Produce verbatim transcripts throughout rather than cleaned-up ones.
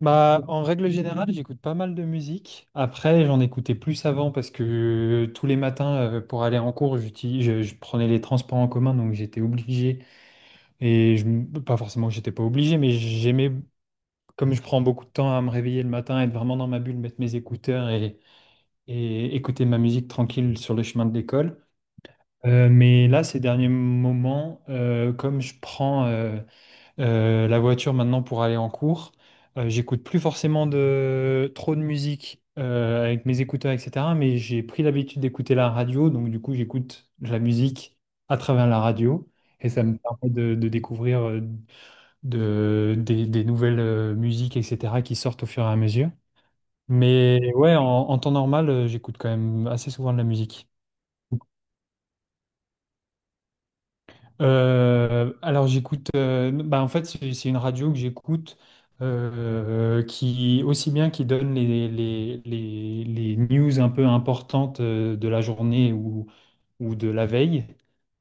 Bah, en règle générale, j'écoute pas mal de musique. Après, j'en écoutais plus avant parce que euh, tous les matins, euh, pour aller en cours, j'utilise, je, je prenais les transports en commun, donc j'étais obligé. Et je, m- pas forcément que j'étais pas obligé, mais j'aimais, comme je prends beaucoup de temps à me réveiller le matin, être vraiment dans ma bulle, mettre mes écouteurs et, et écouter ma musique tranquille sur le chemin de l'école. Euh, mais là, ces derniers moments, euh, comme je prends euh, euh, la voiture maintenant pour aller en cours. Euh, j'écoute plus forcément de trop de musique euh, avec mes écouteurs, et cetera. Mais j'ai pris l'habitude d'écouter la radio, donc du coup j'écoute de la musique à travers la radio et ça me permet de, de découvrir euh, de, des, des nouvelles euh, musiques, et cetera qui sortent au fur et à mesure. Mais ouais, en, en temps normal, euh, j'écoute quand même assez souvent de la musique. Euh, alors j'écoute, euh, bah en fait c'est c'est une radio que j'écoute euh, euh, qui aussi bien qui donne les, les, les, les news un peu importantes euh, de la journée ou, ou de la veille,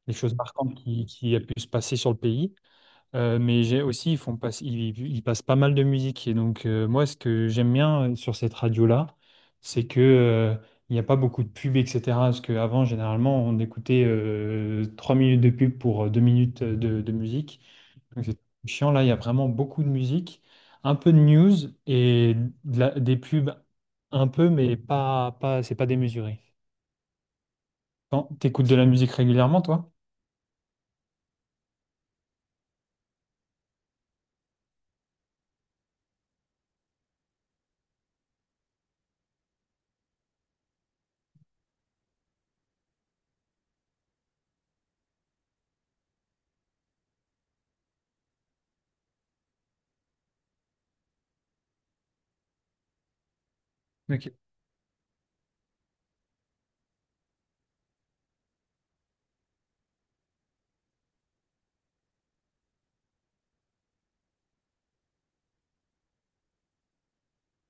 les choses marquantes qui, qui a pu se passer sur le pays. Euh, mais j'ai aussi, ils font pas, ils, ils passent pas mal de musique. Et donc, euh, moi, ce que j'aime bien euh, sur cette radio-là, c'est que, euh, il n'y a pas beaucoup de pubs, et cetera. Parce qu'avant, généralement, on écoutait euh, trois minutes de pub pour euh, deux minutes euh, de, de musique. Donc, c'est chiant. Là, il y a vraiment beaucoup de musique, un peu de news et de la- des pubs un peu, mais pas, pas, c'est pas démesuré. Quand t'écoutes de la musique régulièrement, toi? Ok.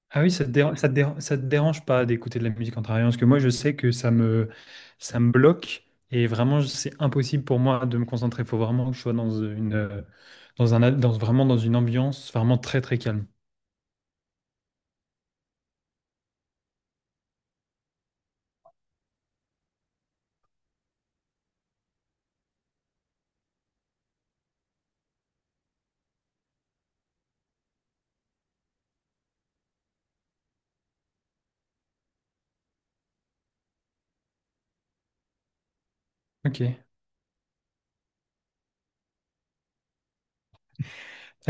Ah oui, ça te dérange, ça te déra- ça te dérange pas d'écouter de la musique en travaillant? Parce que moi, je sais que ça me, ça me bloque et vraiment, c'est impossible pour moi de me concentrer. Il faut vraiment que je sois dans une, euh, dans un, a- dans, vraiment dans une ambiance vraiment très, très calme. Ok.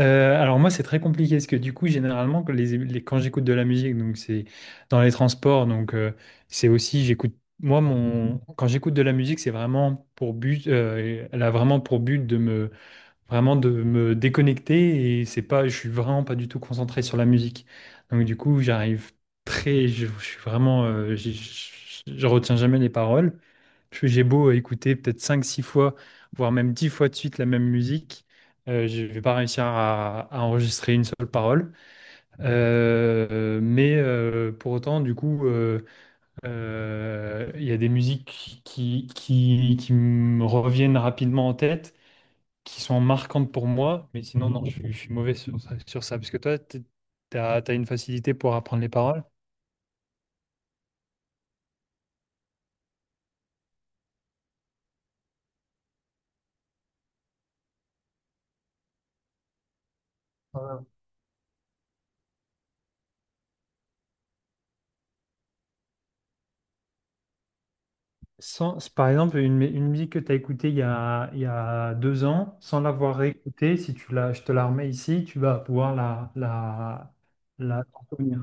Euh, alors moi, c'est très compliqué parce que du coup, généralement, que les, les- quand j'écoute de la musique, donc c'est dans les transports, donc euh, c'est aussi, j'écoute, moi, mon, quand j'écoute de la musique, c'est vraiment pour but, euh, elle a vraiment pour but de me vraiment de me déconnecter et c'est pas, je suis vraiment pas du tout concentré sur la musique. Donc du coup, j'arrive très, je, je suis vraiment, euh, j'ai- je, je retiens jamais les paroles. Je- J'ai beau écouter peut-être cinq six fois, voire même dix fois de suite la même musique, euh, je vais pas réussir à, à enregistrer une seule parole. Euh, mais euh, pour autant, du coup, euh, euh, il y a des musiques qui, qui, qui me reviennent rapidement en tête qui sont marquantes pour moi, mais sinon, non, je, suis je suis mauvais sur ça, sur ça. Parce que toi, tu as, une facilité pour apprendre les paroles. Voilà. Sans, C'est par exemple, une, une musique que tu as écoutée il y a, il y a deux ans, sans l'avoir réécoutée, si tu la, je te la remets ici, tu vas pouvoir la, la, la t'en souvenir.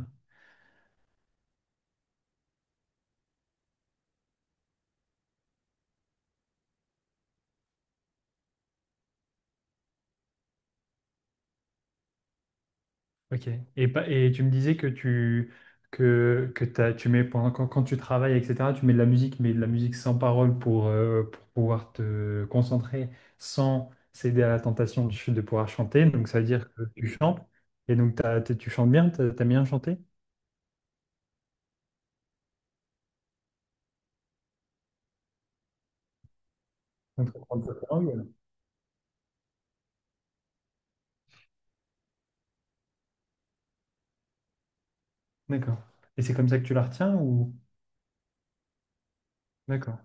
Ok. Et, pa- et tu me disais que tu que, que t'as- tu mets pendant quand, quand tu travailles, et cetera, tu mets de la musique, mais de la musique sans parole pour, euh, pour pouvoir te concentrer sans céder à la tentation de, ch- de pouvoir chanter. Donc ça veut dire que tu chantes. Et donc t'as- t'es- tu chantes bien, t'as- t'aimes bien chanté. D'accord. Et c'est comme ça que tu la retiens ou? D'accord.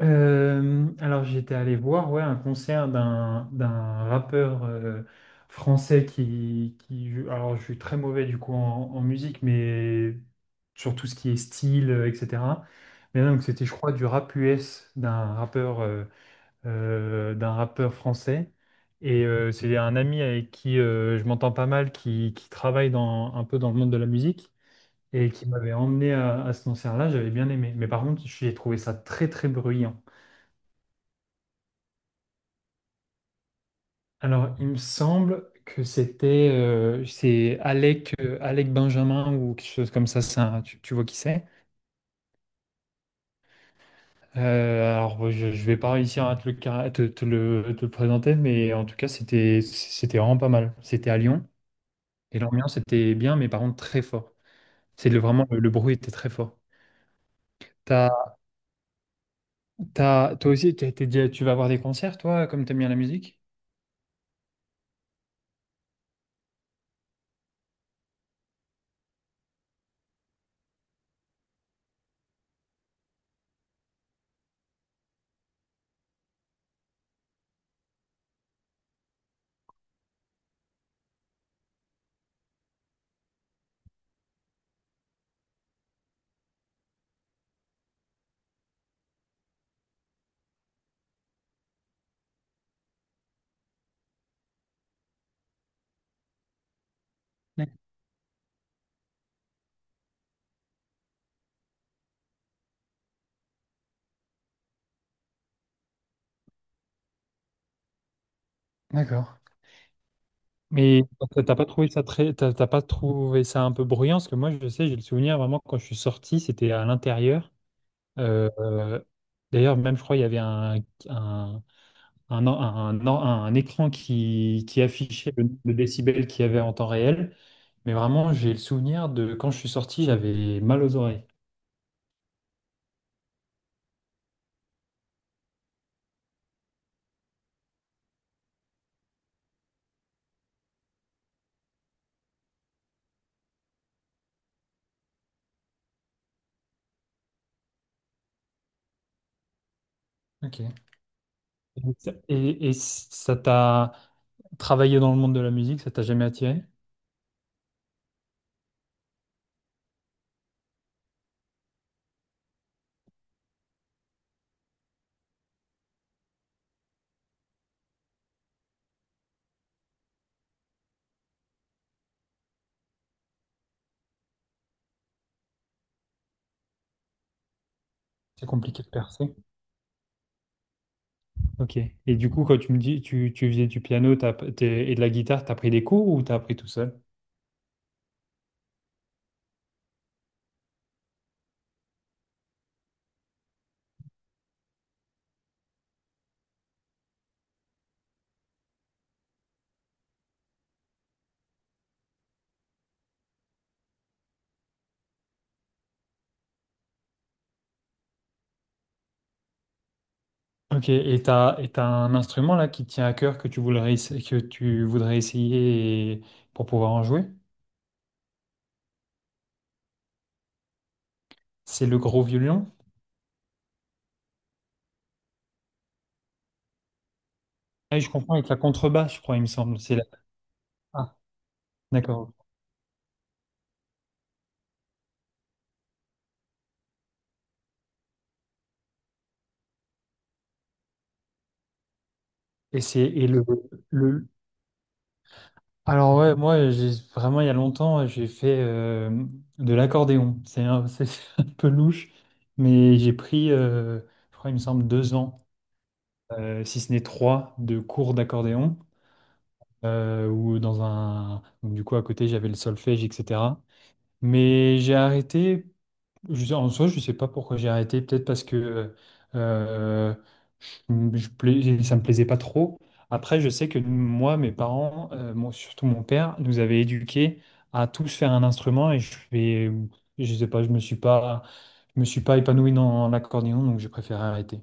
Euh, alors j'étais allé voir ouais, un concert d'un d'un rappeur euh, français qui, qui je- alors je suis très mauvais du coup en, en musique mais sur tout ce qui est style euh, et cetera. Mais donc c'était je crois du rap U S d'un rappeur euh, euh, d'un rappeur français et euh, c'est un ami avec qui euh, je m'entends pas mal qui, qui travaille dans un peu dans le monde de la musique et qui m'avait emmené à, à ce concert-là, j'avais bien aimé mais par contre j'ai trouvé ça très très bruyant. Alors, il me semble que c'était euh, c'est Alec, euh, Alec Benjamin ou quelque chose comme ça. C'est un- tu, tu vois qui c'est? Euh, alors, je, je vais pas réussir à te le, car- te, te le, te le présenter, mais en tout cas, c'était c'était vraiment pas mal. C'était à Lyon et l'ambiance était bien, mais par contre très fort. C'est le, vraiment le, le bruit était très fort. T'as, t'as- Toi aussi, t'as- t'es déjà- tu vas voir des concerts, toi, comme t'aimes bien la musique? Ouais. D'accord. Mais t'as t'as pas trouvé ça très, t'as t'as pas trouvé ça un peu bruyant? Parce que moi, je sais, j'ai le souvenir vraiment quand je suis sorti, c'était à l'intérieur. Euh, euh, D'ailleurs, même je crois, il y avait un, un, un, un- un- un écran qui, qui affichait le nombre de décibels qu'il y avait en temps réel. Mais vraiment, j'ai le souvenir de quand je suis sorti, j'avais mal aux oreilles. Ok. Et, et ça t'a travaillé dans le monde de la musique, ça t'a jamais attiré? C'est compliqué de percer. Ok. Et du coup, quand tu me dis tu, tu faisais du piano t'as- t'es- et de la guitare, t'as pris des cours ou t'as appris tout seul? Ok. Et t'as, et t'as un instrument là qui te tient à cœur que tu voudrais, essa- que tu voudrais essayer et- pour pouvoir en jouer? C'est le gros violon? Ah, je comprends avec la contrebasse, je crois, il me semble. C'est la- Ah, d'accord. Et c'est et le, le alors ouais, moi j'ai vraiment il y a longtemps j'ai fait euh, de l'accordéon. C'est un, c'est un peu louche, mais j'ai pris, euh, je crois, il me semble deux ans. Euh, si ce n'est trois, de cours d'accordéon, euh, ou dans un... donc, du coup, à côté, j'avais le solfège, et cetera. Mais j'ai arrêté, je en soi, je ne sais pas pourquoi j'ai arrêté, peut-être parce que euh, je- je plais- ça ne me plaisait pas trop. Après, je sais que moi, mes parents, euh, mon- surtout mon père, nous avaient éduqués à tous faire un instrument et je fais, je sais pas, je me suis pas, je me suis pas épanoui dans l'accordéon, donc j'ai préféré arrêter.